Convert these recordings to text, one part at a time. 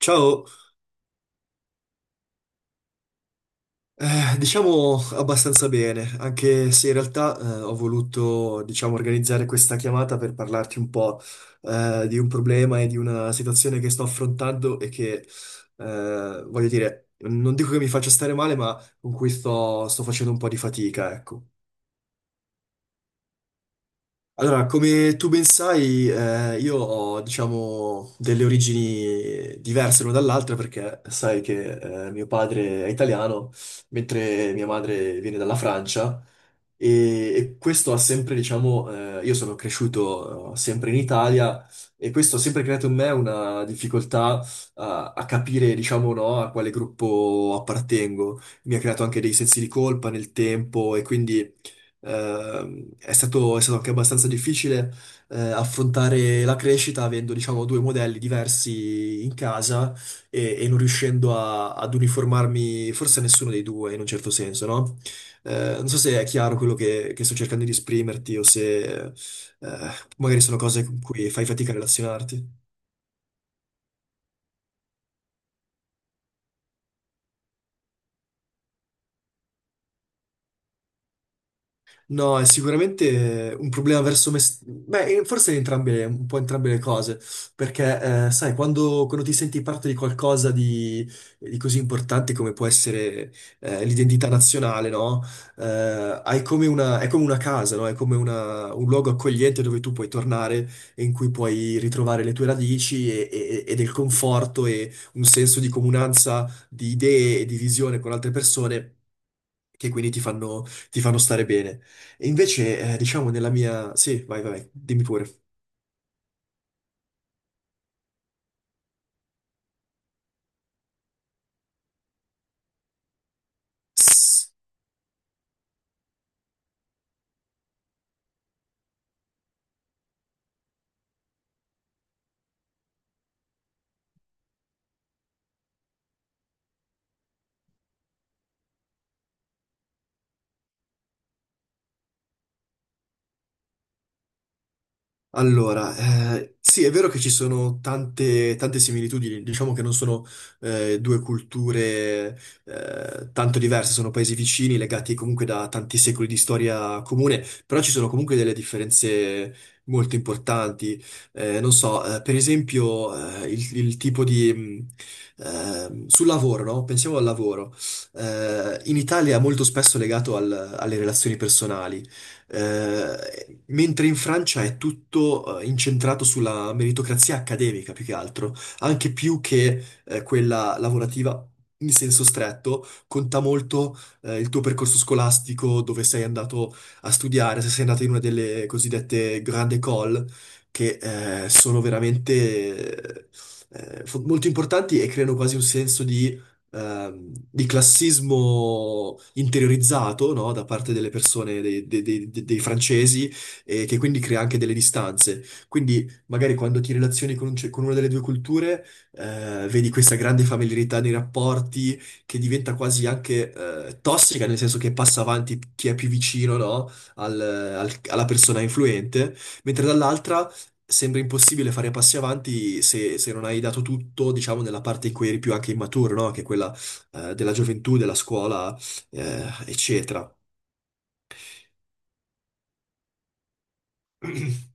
Ciao, diciamo abbastanza bene, anche se in realtà ho voluto, diciamo, organizzare questa chiamata per parlarti un po' di un problema e di una situazione che sto affrontando e che, voglio dire, non dico che mi faccia stare male, ma con cui sto facendo un po' di fatica, ecco. Allora, come tu ben sai, io ho, diciamo, delle origini diverse l'una dall'altra perché sai che mio padre è italiano, mentre mia madre viene dalla Francia e questo ha sempre, diciamo, io sono cresciuto sempre in Italia e questo ha sempre creato in me una difficoltà a capire, diciamo, no, a quale gruppo appartengo. Mi ha creato anche dei sensi di colpa nel tempo e quindi è stato anche abbastanza difficile affrontare la crescita avendo, diciamo, due modelli diversi in casa e non riuscendo ad uniformarmi forse a nessuno dei due in un certo senso, no? Non so se è chiaro quello che sto cercando di esprimerti o se magari sono cose con cui fai fatica a relazionarti. No, è sicuramente un problema verso me. Beh, forse entrambe, un po' entrambe le cose, perché sai, quando ti senti parte di qualcosa di così importante come può essere l'identità nazionale, no? Hai come una, è come una casa, no? È come un luogo accogliente dove tu puoi tornare e in cui puoi ritrovare le tue radici e del conforto e un senso di comunanza di idee e di visione con altre persone che quindi ti fanno stare bene. E invece, diciamo, nella mia... Sì, vai, vai, vai, dimmi pure. Allora, sì, è vero che ci sono tante similitudini, diciamo che non sono due culture tanto diverse, sono paesi vicini, legati comunque da tanti secoli di storia comune, però ci sono comunque delle differenze molto importanti. Non so, per esempio, il tipo di... sul lavoro, no? Pensiamo al lavoro. In Italia è molto spesso legato alle relazioni personali. Mentre in Francia è tutto incentrato sulla meritocrazia accademica più che altro, anche più che quella lavorativa in senso stretto, conta molto il tuo percorso scolastico, dove sei andato a studiare, se sei andato in una delle cosiddette grande école, che sono veramente molto importanti e creano quasi un senso di classismo interiorizzato, no, da parte delle persone, dei francesi, e che quindi crea anche delle distanze. Quindi magari quando ti relazioni con, con una delle due culture, vedi questa grande familiarità nei rapporti che diventa quasi anche tossica, nel senso che passa avanti chi è più vicino, no, alla persona influente, mentre dall'altra sembra impossibile fare passi avanti se non hai dato tutto, diciamo, nella parte in cui eri più anche immaturo, no? Che è quella della gioventù, della scuola, eccetera.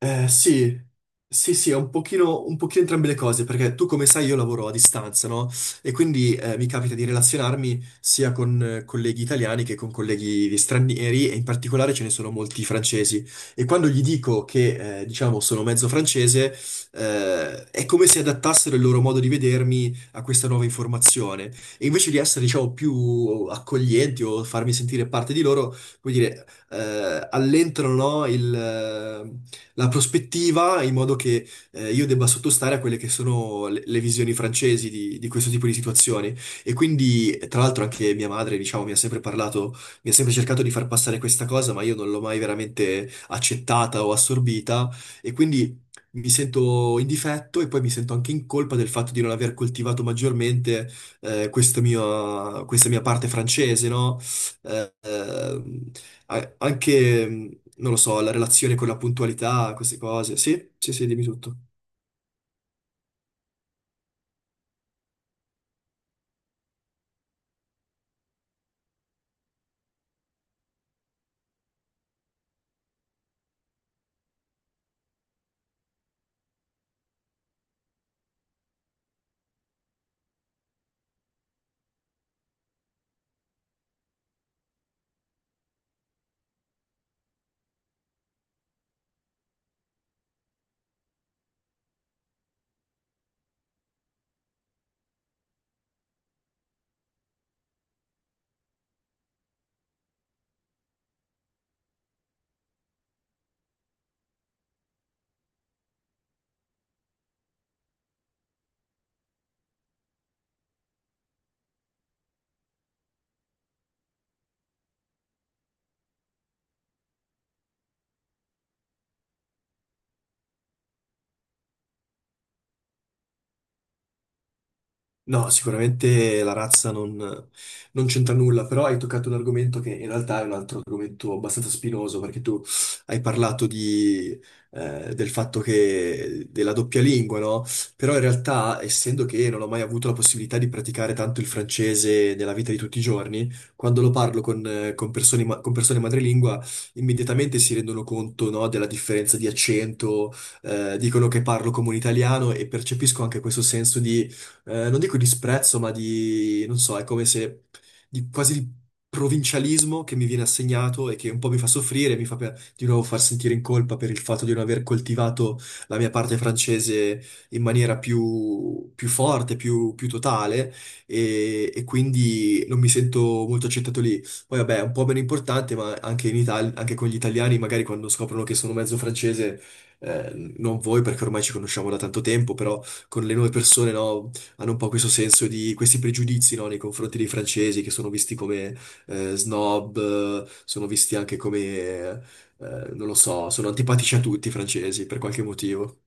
Sì, sì, sì, è un pochino entrambe le cose, perché tu come sai io lavoro a distanza, no? E quindi mi capita di relazionarmi sia con colleghi italiani che con colleghi di stranieri, e in particolare ce ne sono molti francesi. E quando gli dico che, diciamo, sono mezzo francese, è come se adattassero il loro modo di vedermi a questa nuova informazione. E invece di essere, diciamo, più accoglienti o farmi sentire parte di loro, come dire allentano, no, il, la prospettiva in modo che io debba sottostare a quelle che sono le visioni francesi di questo tipo di situazioni. E quindi, tra l'altro, anche mia madre, diciamo, mi ha sempre parlato, mi ha sempre cercato di far passare questa cosa, ma io non l'ho mai veramente accettata o assorbita. E quindi. Mi sento in difetto e poi mi sento anche in colpa del fatto di non aver coltivato maggiormente questo questa mia parte francese, no? Eh, eh, a- anche, non lo so, la relazione con la puntualità, queste cose. Sì, sì, sì, dimmi tutto. No, sicuramente la razza non, non c'entra nulla, però hai toccato un argomento che in realtà è un altro argomento abbastanza spinoso, perché tu hai parlato di, del fatto che della doppia lingua, no? Però in realtà, essendo che non ho mai avuto la possibilità di praticare tanto il francese nella vita di tutti i giorni, quando lo parlo con persone, con persone madrelingua, immediatamente si rendono conto, no, della differenza di accento, dicono che parlo come un italiano e percepisco anche questo senso di non dico disprezzo, ma di, non so, è come se, di quasi di provincialismo che mi viene assegnato e che un po' mi fa soffrire, mi fa di nuovo far sentire in colpa per il fatto di non aver coltivato la mia parte francese in maniera più forte, più totale, e quindi non mi sento molto accettato lì. Poi vabbè, è un po' meno importante, ma anche in Italia, anche con gli italiani, magari quando scoprono che sono mezzo francese, eh, non voi perché ormai ci conosciamo da tanto tempo, però con le nuove persone, no? Hanno un po' questo senso di questi pregiudizi, no, nei confronti dei francesi che sono visti come snob, sono visti anche come, non lo so, sono antipatici a tutti i francesi per qualche motivo.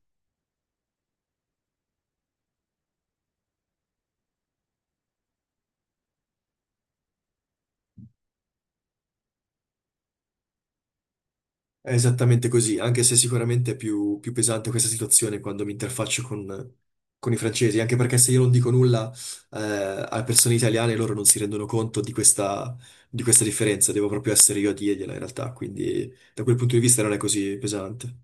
È esattamente così, anche se sicuramente è più, più pesante questa situazione quando mi interfaccio con i francesi, anche perché se io non dico nulla eh, alle persone italiane loro non si rendono conto di questa differenza, devo proprio essere io a dirgliela in realtà, quindi da quel punto di vista non è così pesante.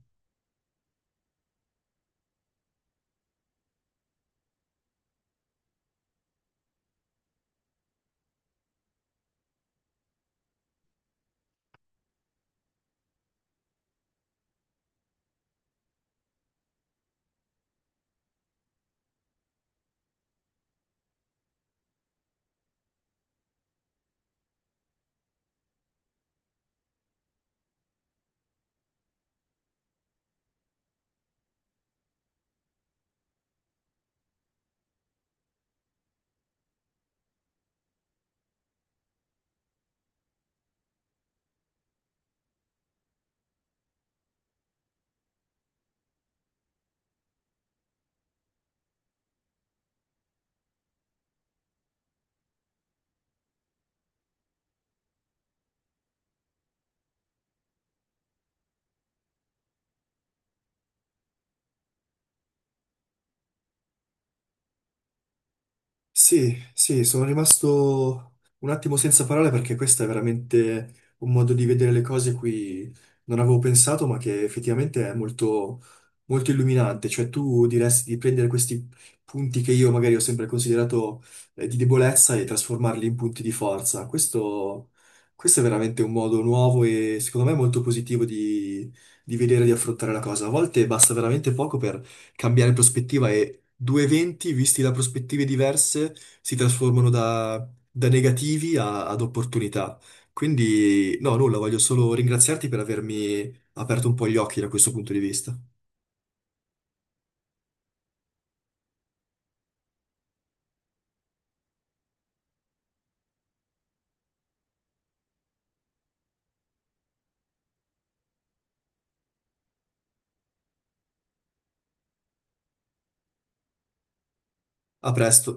Sì, sì, sono rimasto un attimo senza parole perché questo è veramente un modo di vedere le cose cui non avevo pensato, ma che effettivamente è molto, molto illuminante. Cioè, tu diresti di prendere questi punti che io magari ho sempre considerato di debolezza e trasformarli in punti di forza. Questo è veramente un modo nuovo e secondo me molto positivo di vedere e di affrontare la cosa. A volte basta veramente poco per cambiare prospettiva due eventi visti da prospettive diverse si trasformano da negativi ad opportunità. Quindi, no, nulla, voglio solo ringraziarti per avermi aperto un po' gli occhi da questo punto di vista. A presto.